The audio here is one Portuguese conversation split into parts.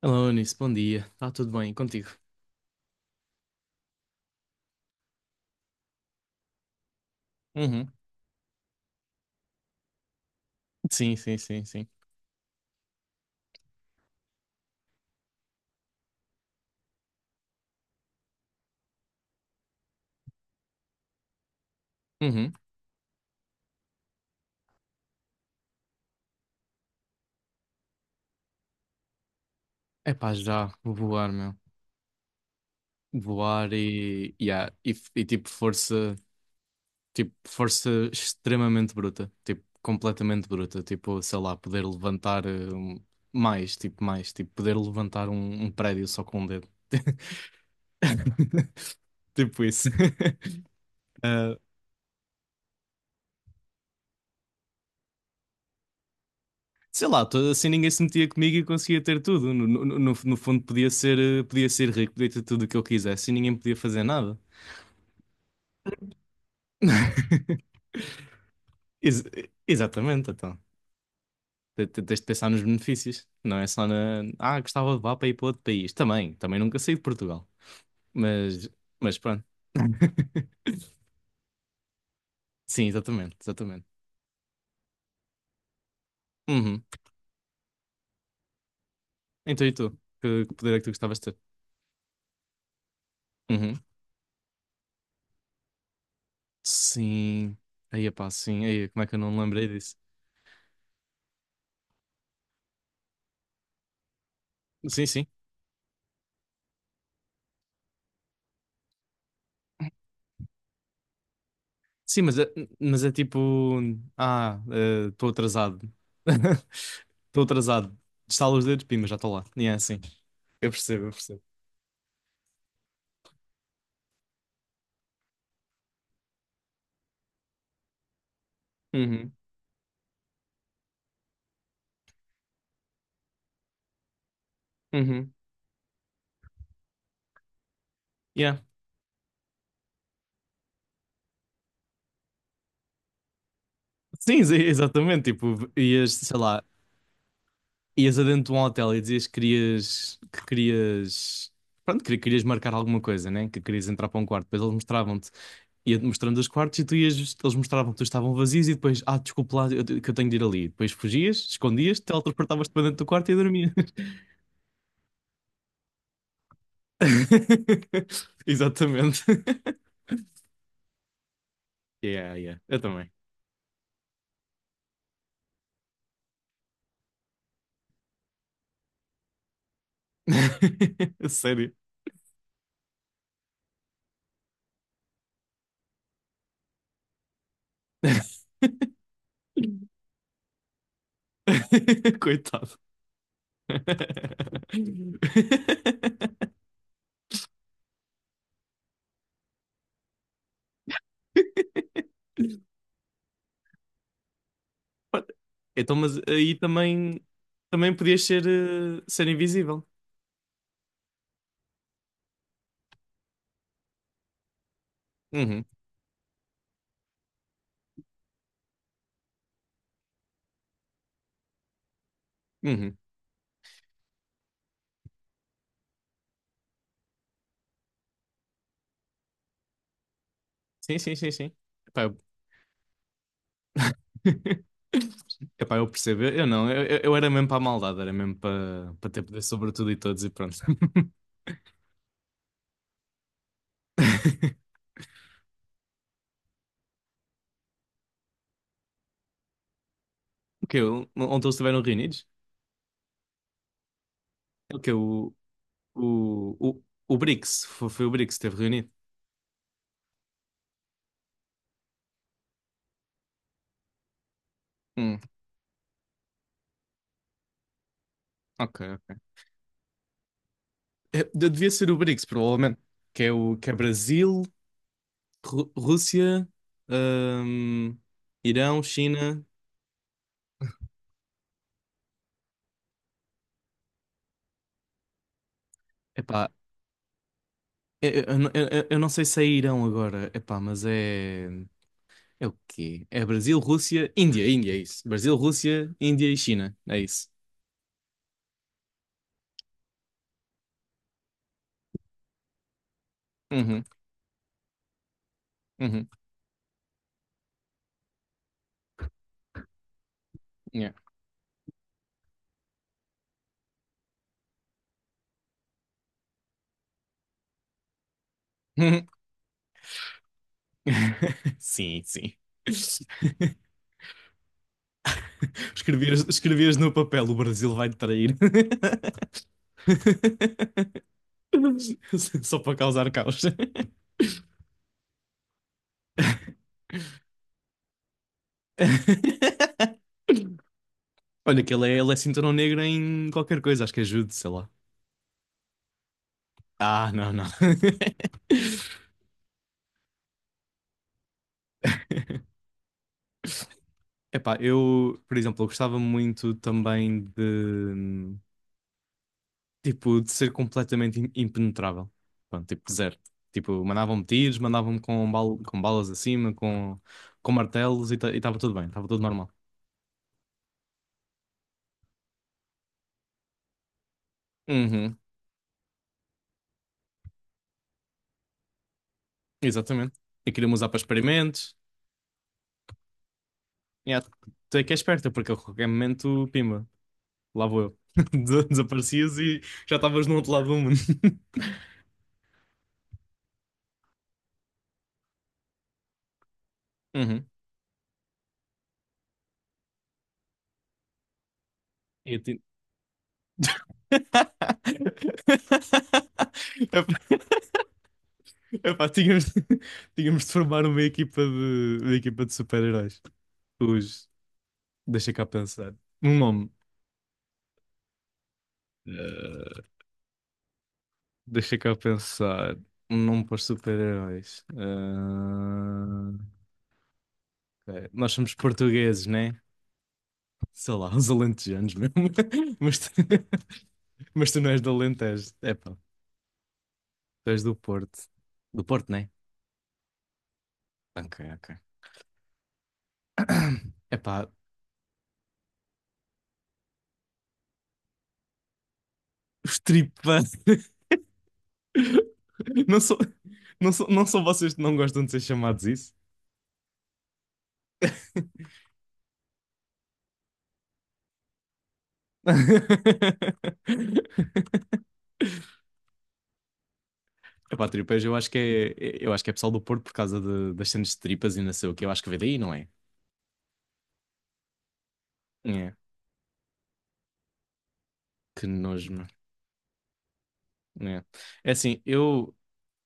Alô, Eunice, bom dia. Está tudo bem contigo? Uhum. Sim, sim, sim, sim. Uhum. É pá, já, vou voar, meu. Voar e, yeah, e, e tipo força extremamente bruta, tipo completamente bruta, tipo, sei lá, poder levantar mais, tipo poder levantar um prédio só com um dedo. Tipo isso. Sei lá, assim ninguém se metia comigo e eu conseguia ter tudo. No fundo podia ser, podia ser rico, podia ter tudo o que eu quisesse e ninguém podia fazer nada. Ex- exatamente, então. Tens de pensar nos benefícios. Não é só na. Ah, gostava de levar para ir para outro país. Também, também nunca saí de Portugal. Mas, mas pronto. Sim, exatamente, exatamente. Uhum. Então e tu? Que poder é que tu gostavas de ter? Uhum. Sim. Aí, pá, sim. Aí, como é que eu não me lembrei disso? Sim, sim. Sim, mas é tipo. Ah, estou atrasado. Estou atrasado. Estalo os dedos, pima, já estou lá. E é assim. Eu percebo. Uhum, uhum. Yeah. Sim, sim, exatamente. Tipo, ias, sei lá, ias adentro de um hotel e dizias que querias, pronto, que querias marcar alguma coisa, né? Que querias entrar para um quarto. Depois eles mostravam-te, ia-te mostrando os quartos e tu ias, eles mostravam que estavam vazios e depois, ah, desculpa lá, que eu tenho de ir ali. Depois fugias, escondias, teletransportavas-te para dentro do quarto e dormias. Exatamente. Yeah, yeah. Eu também. Sério. Coitado. Olha, então, mas aí também, também podias ser, ser invisível. Uhum, uhum. Sim, sim, sim, sim. Epá, eu... Epá, eu percebo. Eu não, eu, eu era mesmo para a maldade, era mesmo para para ter poder sobre tudo e todos e pronto. O que ontem eles estiveram reunidos? O que O, o, o BRICS, foi, foi o BRICS que esteve reunido. Hum, ok, ok. É, devia ser o BRICS, provavelmente. Que é, que é Brasil, Rússia, hum, Irão, China. Epá, eu, eu não sei se é Irão agora, epá, mas é. É o quê? É Brasil, Rússia, Índia, Índia, é isso. Brasil, Rússia, Índia e China, é isso. Uhum, uhum, yeah. Sim, sim. Escrevias, escrevias no papel: o Brasil vai te trair. Só para causar caos. Olha, que ele é cinturão negro em qualquer coisa, acho que ajude, sei lá. Ah, não, não. Epá, eu, por exemplo, eu gostava muito também de, tipo, de ser completamente impenetrável. Pronto, tipo, zero. Tipo, mandavam-me tiros, mandavam-me com, bal com balas acima, com martelos e estava tudo bem, estava tudo normal. Uhum, exatamente. E queria usar para experimentos. Yeah, tu é que é esperta, porque a qualquer momento, pimba, lá vou eu. Desaparecias e já estavas no outro lado do mundo. Uhum. E eu ti- Epá, epá, tínhamos, tínhamos de formar uma equipa de super-heróis. Os, deixa cá pensar. Um nome. Eh, deixa cá pensar. Um nome para os super-heróis. Ok. Nós somos portugueses, né? Sei lá, uns alentejanos mesmo. Mas tu, mas tu não és do Alentejo. Epá, tu és do Porto. Do Porto, né? Ok, ok. Epá, os tripas. Não são, não são, não são vocês que não gostam de ser chamados isso? Epá, tripas, eu acho que é pessoal do Porto por causa das cenas de tripas e não sei o que. Eu acho que veio daí, não é? É. Que nojo, mano. É. É assim, eu,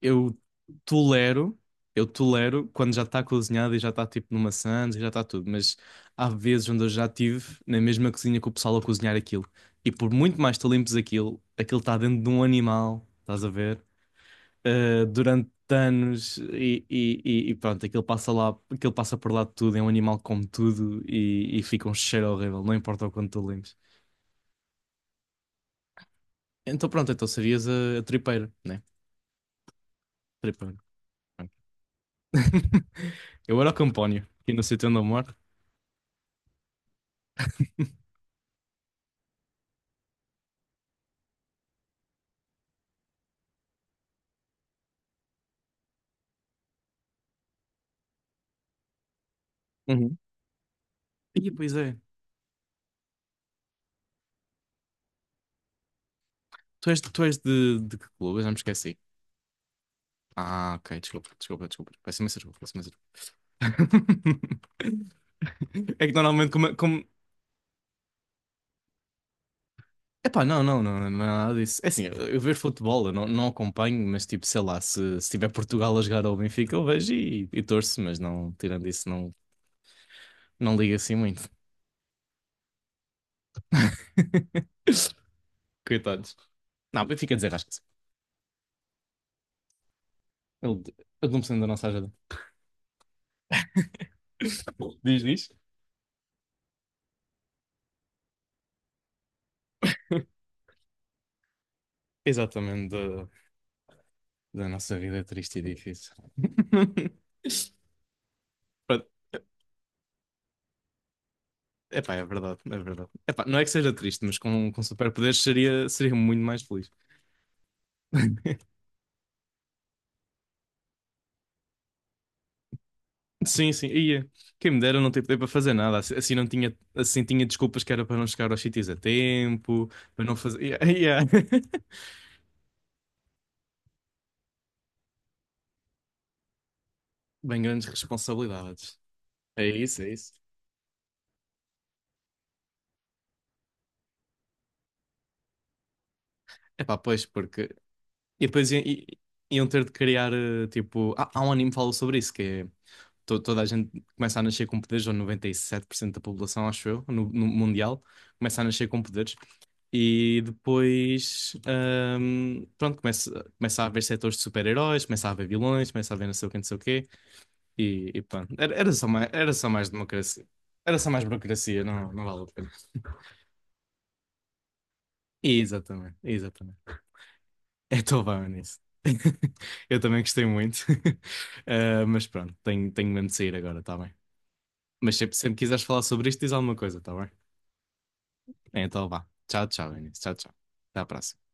eu tolero, eu tolero quando já está cozinhada e já está tipo numa sandes e já está tudo, mas há vezes onde eu já tive na mesma cozinha que o pessoal a cozinhar aquilo. E por muito mais tu limpes aquilo, aquilo está dentro de um animal, estás a ver? Durante anos e pronto, aquilo passa lá, aquilo passa por lá de tudo, é um animal que come tudo e fica um cheiro horrível, não importa o quanto tu limpes. Então pronto, então serias a tripeira, né? Tripeira. Pronto. Eu era o campónio, aqui no sítio onde eu moro. Uhum. Ih, pois é. Tu és de que clube? Eu já me esqueci. Ah, ok. Desculpa, desculpa, desculpa. Peço imensa desculpa, peço imensa desculpa. É que normalmente como... como... Epá, não, não, não, não é nada disso. É assim, eu vejo futebol, eu não, não acompanho, mas tipo, sei lá, se tiver Portugal a jogar ao Benfica, eu vejo e torço, mas não, tirando isso, não, não liga assim muito. Coitados. Não, Benfica desenrasca-se. Ele, ele não precisa da nossa ajuda. Diz, diz. Exatamente, da, da nossa vida é triste e difícil. Pronto. Epá, é verdade, é verdade. Epá, não é que seja triste, mas com superpoderes seria, seria muito mais feliz. Sim, sim, ia. Quem me dera não ter poder para fazer nada. Assim assim não tinha, assim tinha desculpas que era para não chegar aos sítios a tempo, para não fazer. Ia ia. Bem, grandes responsabilidades. É isso, é isso. Epá, pois, porque. E depois i- iam ter de criar, tipo. Há um anime que fala sobre isso, que é. Toda a gente começa a nascer com poderes, ou 97% da população, acho eu, no, no mundial, começa a nascer com poderes. E depois. Ahm, pronto, começa, começa a haver setores de super-heróis, começa a haver vilões, começa a haver não sei o quê, não sei o quê. E pronto. Era, era só mais democracia. Era só mais burocracia, não, não vale a pena. Exatamente, exatamente. É Tobão nisso. Eu também gostei muito. Ah, mas pronto, tenho, tenho mesmo de sair agora, tá bem? Mas sempre, sempre quiseres falar sobre isto, diz alguma coisa, tá bem? Então vá. Tchau, tchau, Inês. Tchau, tchau. Até à próxima.